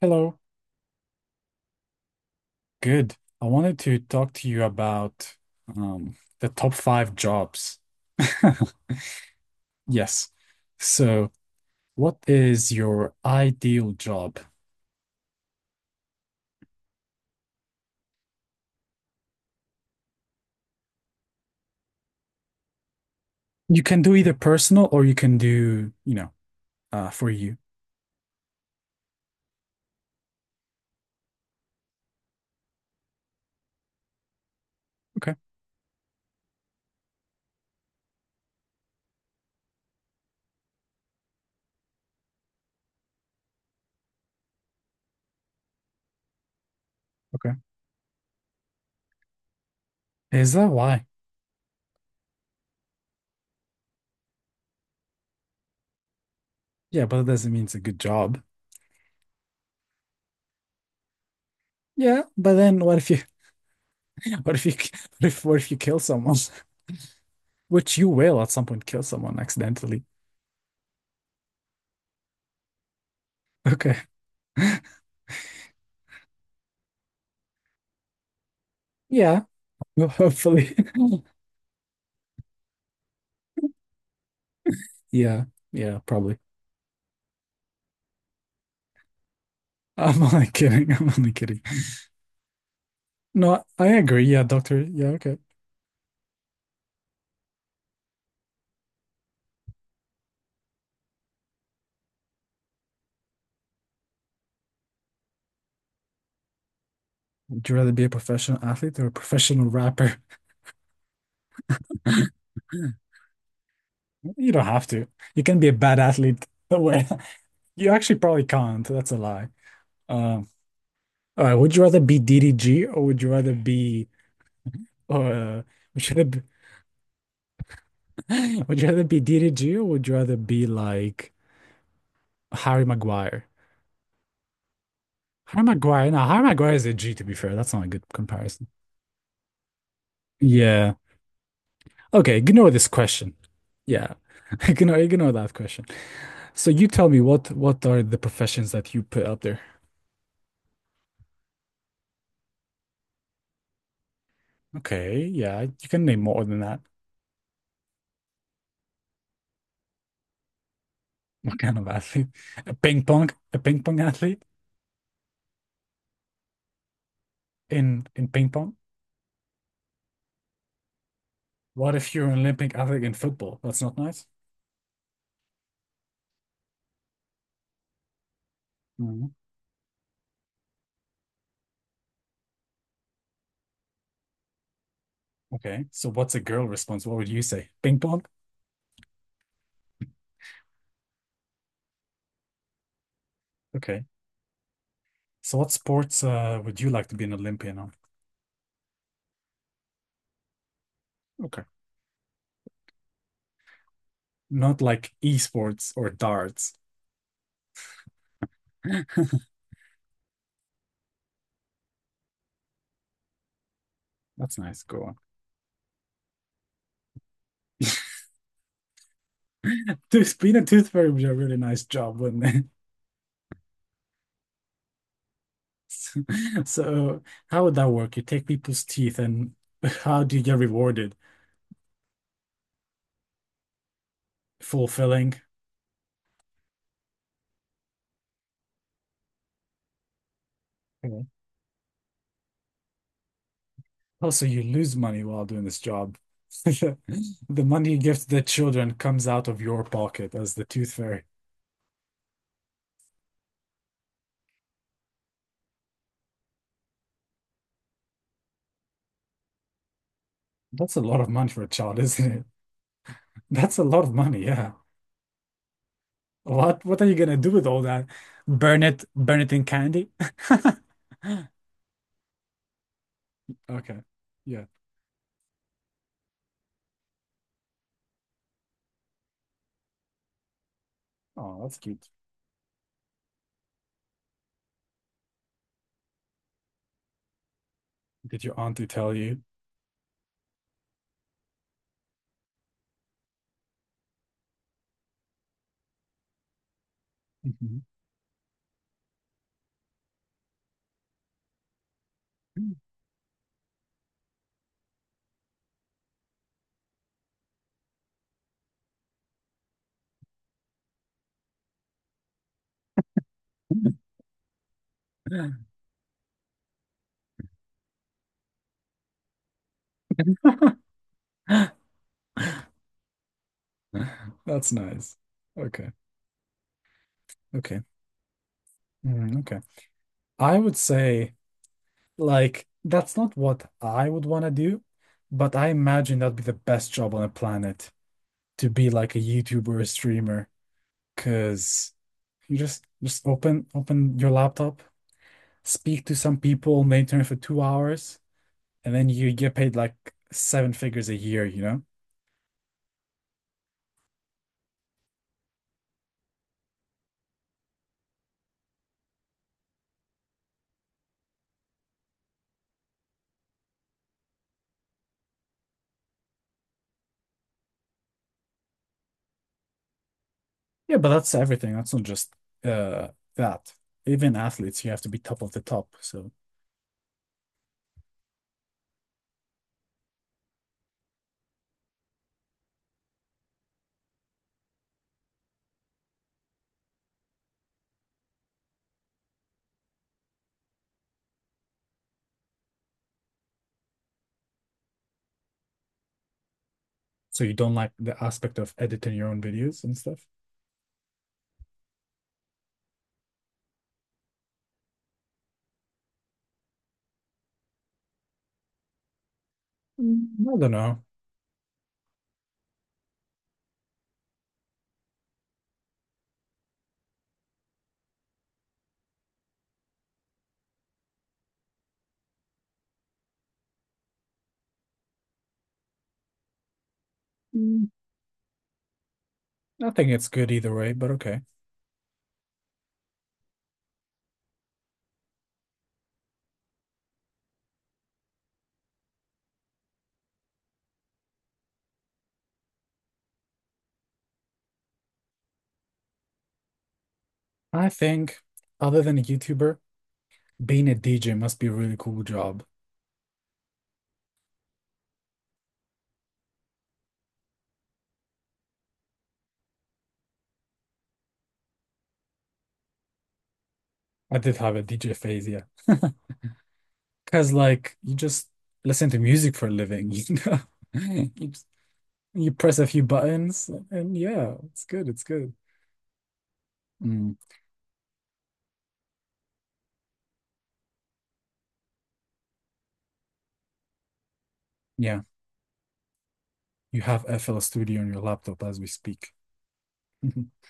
Hello. Good. I wanted to talk to you about the top five jobs. Yes. So, what is your ideal job? You can do either personal or you can do, for you. Okay. Okay. Is that why? Yeah, but it doesn't mean it's a good job. Yeah, but then what if you, what if you kill someone? Which you will at some point kill someone accidentally. Okay. Yeah. Well, hopefully. Yeah. Yeah, probably. I'm only kidding. I'm only kidding. No, I agree. Yeah, doctor. Yeah, okay. Would you rather be a professional athlete or a professional rapper? You don't have to. You can be a bad athlete. Well, you actually probably can't. That's a lie. Um, all right. Would you rather be DDG or would you rather be uh would you rather be, Would you rather be DDG or would you rather be like Harry Maguire? Harry Maguire. No, Harry Maguire is a G to be fair. That's not a good comparison. Yeah. Okay, ignore this question. Yeah. Ignore that question. So you tell me what are the professions that you put out there? Okay, yeah, you can name more than that. What kind of athlete? A ping pong athlete in ping pong? What if you're an Olympic athlete in football? That's not nice. Mhm. Okay. So what's a girl response? What would you say? Ping pong? Okay. So what sports would you like to be an Olympian on? Okay. Not like esports or darts. That's nice. Go on. Being a tooth fairy would be a really nice job, wouldn't it? So, so, how would that work? You take people's teeth and how do you get rewarded? Fulfilling. Mhm. Also, you lose money while doing this job. The money you give to the children comes out of your pocket as the tooth fairy. That's a lot of money for a child, isn't it? That's a lot of money, yeah. What are you gonna do with all that? Burn it in candy? Okay. Yeah. Oh, that's cute. Did your auntie tell you? Mhm. That's nice. Okay. Okay. Mm, okay. I would say, like, that's not what I would want to do, but I imagine that'd be the best job on the planet to be like a YouTuber or a streamer, because you just open your laptop, speak to some people on the internet for 2 hours, and then you get paid like seven figures a year, you know? Yeah, but that's everything. That's not just uh that. Even athletes, you have to be top of the top. So, you don't like the aspect of editing your own videos and stuff? Mm, I don't know. Mm, I think it's good either way, but okay. I think other than a YouTuber, being a DJ must be a really cool job. I did have a DJ phase, yeah. Because like you just listen to music for a living, you know? You just, you press a few buttons and yeah, it's good, it's good. Mm, yeah, you have FL Studio on your laptop as we speak.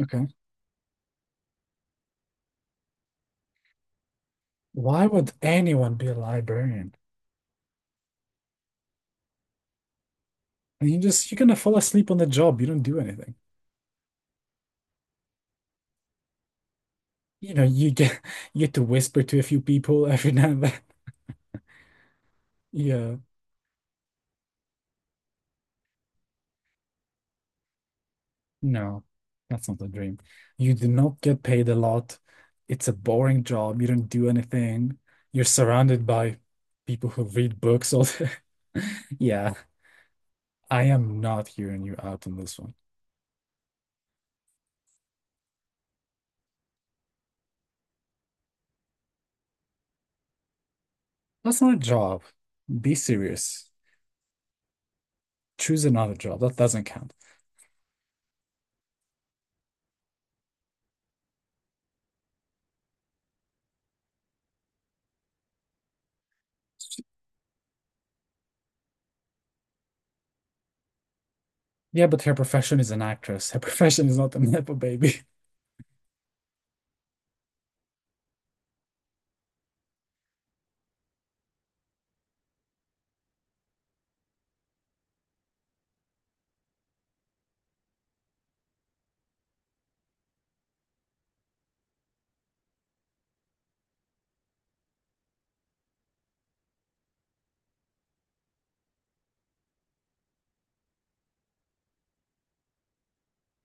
Okay. Why would anyone be a librarian? And you're gonna fall asleep on the job. You don't do anything. You know, you get You get to whisper to a few people every now and then. Yeah. No, that's not the dream. You do not get paid a lot. It's a boring job. You don't do anything. You're surrounded by people who read books all day. Yeah, I am not hearing you out on this one. That's not a job. Be serious. Choose another job. That doesn't count. Yeah, but her profession is an actress. Her profession is not a nepo baby.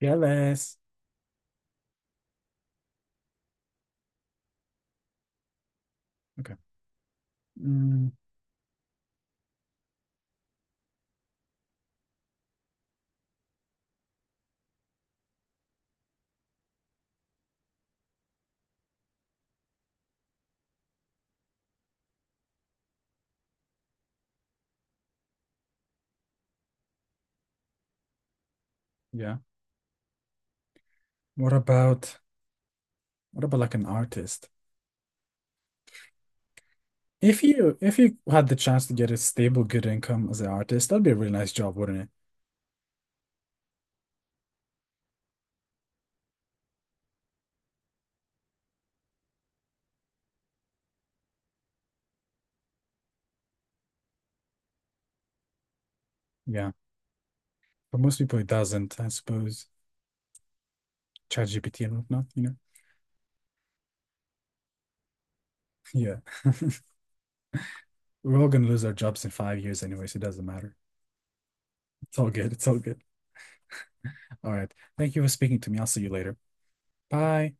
Jealous. Okay. Mm, yeah. What about what about like an artist? If you had the chance to get a stable, good income as an artist, that'd be a really nice job, wouldn't it? Yeah. But most people it doesn't, I suppose. ChatGPT and whatnot, you know? Yeah. We're all gonna lose our jobs in 5 years anyway, so it doesn't matter. It's all good. It's all good. All right. Thank you for speaking to me. I'll see you later. Bye.